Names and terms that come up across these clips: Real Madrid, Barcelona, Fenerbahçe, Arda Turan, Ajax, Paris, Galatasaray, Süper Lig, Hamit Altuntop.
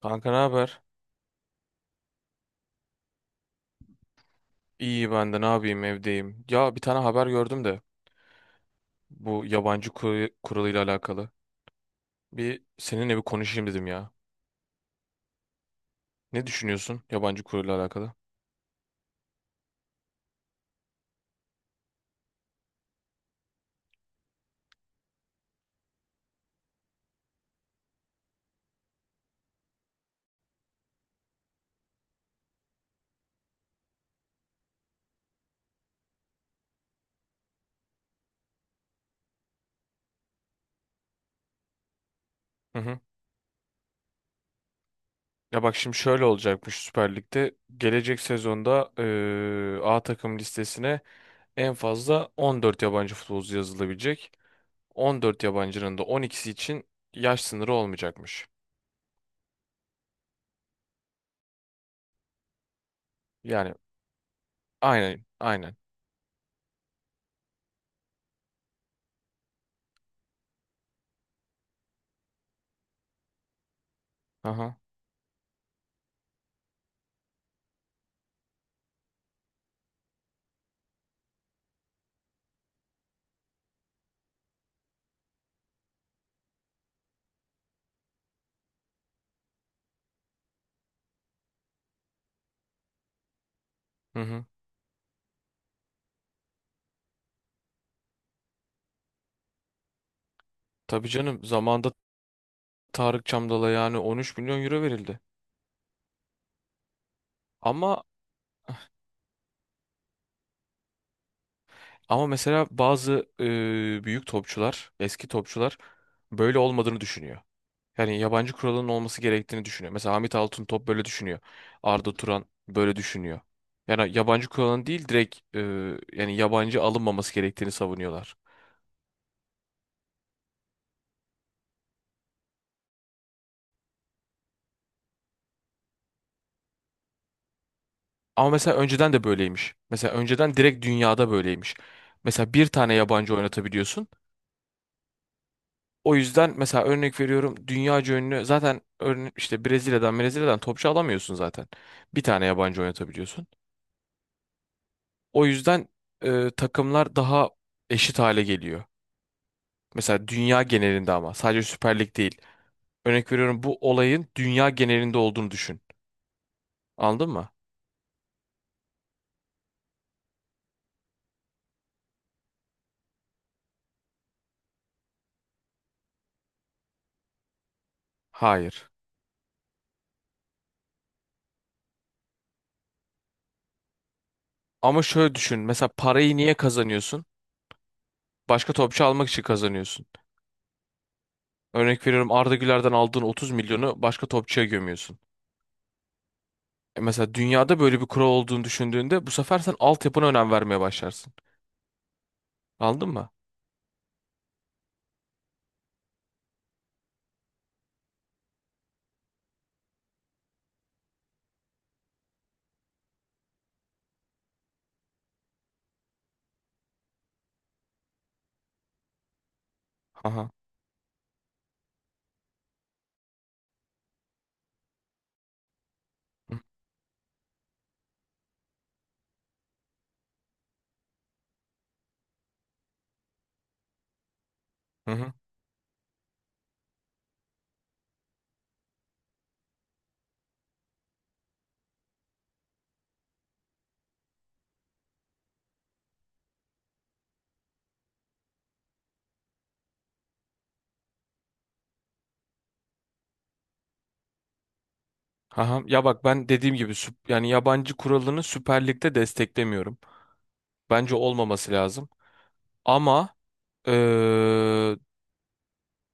Kanka ne haber? İyi ben de ne yapayım, evdeyim. Ya bir tane haber gördüm de bu yabancı kuralıyla alakalı. Bir seninle bir konuşayım dedim ya. Ne düşünüyorsun yabancı kuralıyla alakalı? Hı hı. Ya bak şimdi şöyle olacakmış Süper Lig'de. Gelecek sezonda A takım listesine en fazla 14 yabancı futbolcu yazılabilecek. 14 yabancının da 12'si için yaş sınırı olmayacakmış. Yani aynen, aynen. Aha. Hı hı. Tabii canım, zamanda Tarık Çamdal'a yani 13 milyon euro verildi. Ama ama mesela bazı büyük topçular, eski topçular böyle olmadığını düşünüyor. Yani yabancı kuralının olması gerektiğini düşünüyor. Mesela Hamit Altuntop böyle düşünüyor. Arda Turan böyle düşünüyor. Yani yabancı kuralın değil direkt yani yabancı alınmaması gerektiğini savunuyorlar. Ama mesela önceden de böyleymiş. Mesela önceden direkt dünyada böyleymiş. Mesela bir tane yabancı oynatabiliyorsun. O yüzden mesela örnek veriyorum, dünyaca ünlü zaten, işte Brezilya'dan topçu alamıyorsun zaten. Bir tane yabancı oynatabiliyorsun. O yüzden takımlar daha eşit hale geliyor. Mesela dünya genelinde, ama sadece Süper Lig değil. Örnek veriyorum, bu olayın dünya genelinde olduğunu düşün. Anladın mı? Hayır. Ama şöyle düşün. Mesela parayı niye kazanıyorsun? Başka topçu almak için kazanıyorsun. Örnek veriyorum, Arda Güler'den aldığın 30 milyonu başka topçuya gömüyorsun. Mesela dünyada böyle bir kural olduğunu düşündüğünde bu sefer sen altyapına önem vermeye başlarsın. Anladın mı? Aha. Hı hı. Hı. Aha. Ya bak, ben dediğim gibi, yani yabancı kuralını Süper Lig'de desteklemiyorum. Bence olmaması lazım. Ama eee,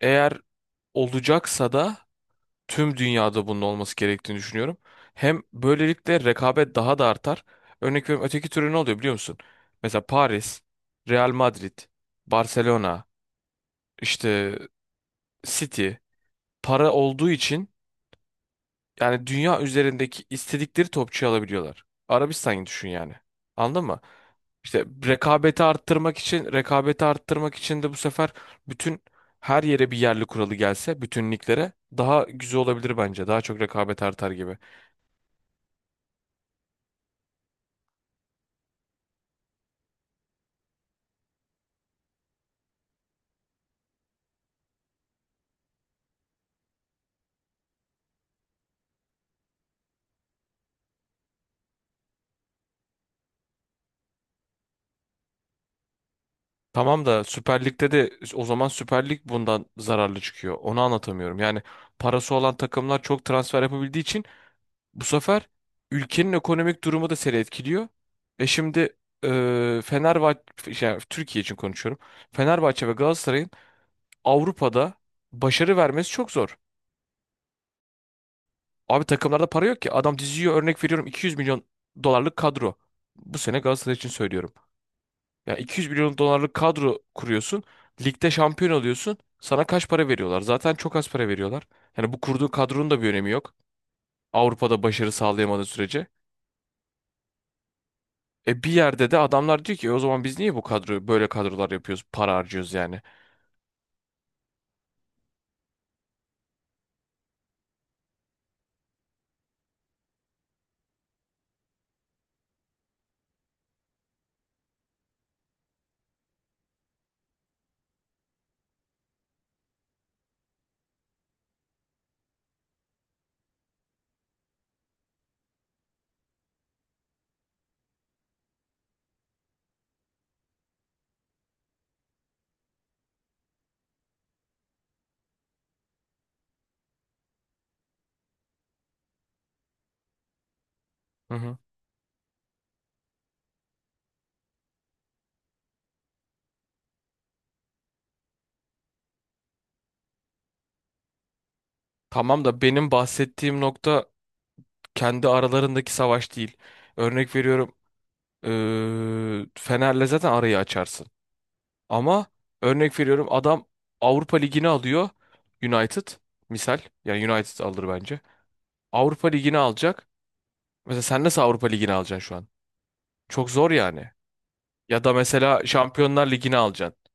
eğer olacaksa da tüm dünyada bunun olması gerektiğini düşünüyorum. Hem böylelikle rekabet daha da artar. Örnek veriyorum, öteki türlü ne oluyor biliyor musun? Mesela Paris, Real Madrid, Barcelona, işte City para olduğu için yani dünya üzerindeki istedikleri topçuyu alabiliyorlar. Arabistan'ı düşün yani. Anladın mı? İşte rekabeti arttırmak için de bu sefer bütün her yere bir yerli kuralı gelse, bütün liglere, daha güzel olabilir bence. Daha çok rekabet artar gibi. Tamam da Süper Lig'de de o zaman Süper Lig bundan zararlı çıkıyor. Onu anlatamıyorum. Yani parası olan takımlar çok transfer yapabildiği için bu sefer ülkenin ekonomik durumu da seni etkiliyor. Şimdi Fenerbahçe, yani Türkiye için konuşuyorum. Fenerbahçe ve Galatasaray'ın Avrupa'da başarı vermesi çok zor. Abi takımlarda para yok ki. Adam diziyor örnek veriyorum, 200 milyon dolarlık kadro. Bu sene Galatasaray için söylüyorum. Ya 200 milyon dolarlık kadro kuruyorsun. Ligde şampiyon oluyorsun. Sana kaç para veriyorlar? Zaten çok az para veriyorlar. Yani bu kurduğu kadronun da bir önemi yok, Avrupa'da başarı sağlayamadığı sürece. Bir yerde de adamlar diyor ki, "E o zaman biz niye bu kadro böyle kadrolar yapıyoruz, para harcıyoruz yani." Hı hı. Tamam da benim bahsettiğim nokta kendi aralarındaki savaş değil. Örnek veriyorum, Fener'le zaten arayı açarsın. Ama örnek veriyorum, adam Avrupa Ligi'ni alıyor, United misal, yani United alır bence. Avrupa Ligi'ni alacak. Mesela sen nasıl Avrupa Ligi'ni alacaksın şu an? Çok zor yani. Ya da mesela Şampiyonlar Ligi'ni alacaksın.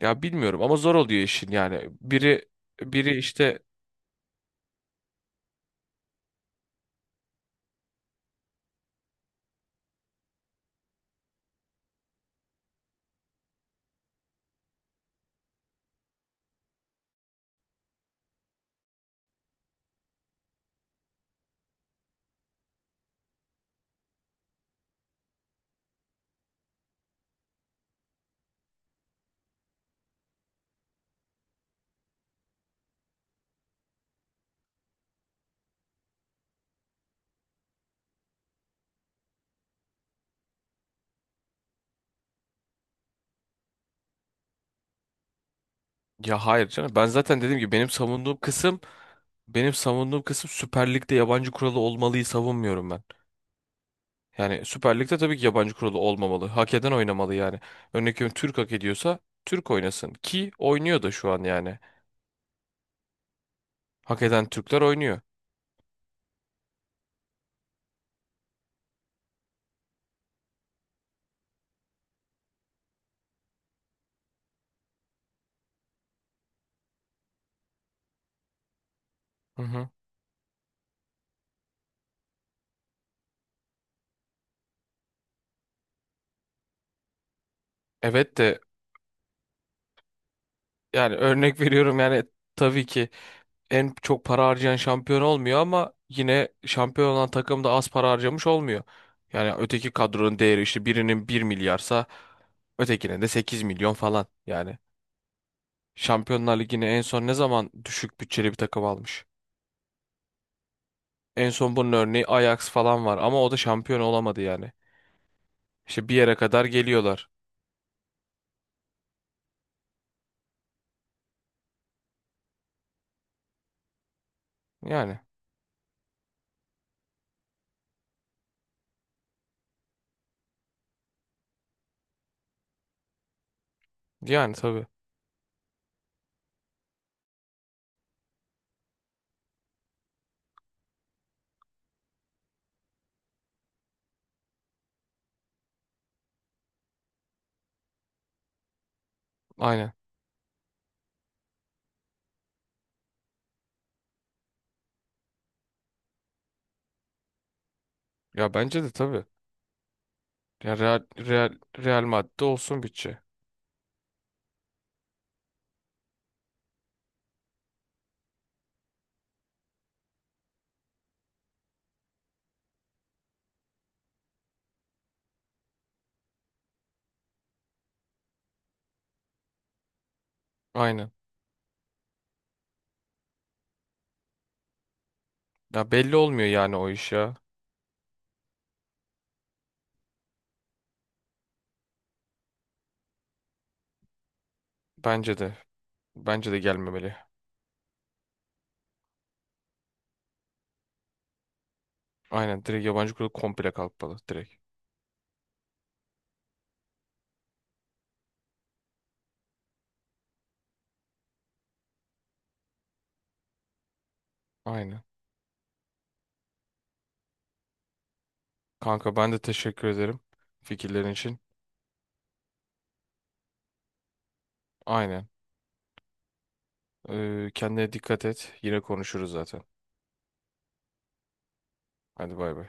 Ya bilmiyorum ama zor oluyor işin yani. Biri işte ya hayır canım, ben zaten dediğim gibi, benim savunduğum kısım Süper Lig'de yabancı kuralı olmalıyı savunmuyorum ben. Yani Süper Lig'de tabii ki yabancı kuralı olmamalı. Hak eden oynamalı yani. Örnek veriyorum, Türk hak ediyorsa Türk oynasın ki oynuyor da şu an yani. Hak eden Türkler oynuyor. Hı hı. Evet de yani örnek veriyorum yani, tabii ki en çok para harcayan şampiyon olmuyor ama yine şampiyon olan takım da az para harcamış olmuyor. Yani öteki kadronun değeri işte birinin bir milyarsa ötekinin de 8 milyon falan. Yani Şampiyonlar Ligi'ne en son ne zaman düşük bütçeli bir takım almış? En son bunun örneği Ajax falan var ama o da şampiyon olamadı yani. İşte bir yere kadar geliyorlar. Yani yani tabii. Aynen. Ya bence de tabii. Ya Real Madrid olsun bütçe. Aynen. Ya belli olmuyor yani o iş ya. Bence de. Bence de gelmemeli. Aynen, direkt yabancı kuralı komple kalkmalı direkt. Aynen. Kanka ben de teşekkür ederim fikirlerin için. Aynen. Kendine dikkat et. Yine konuşuruz zaten. Hadi bay bay.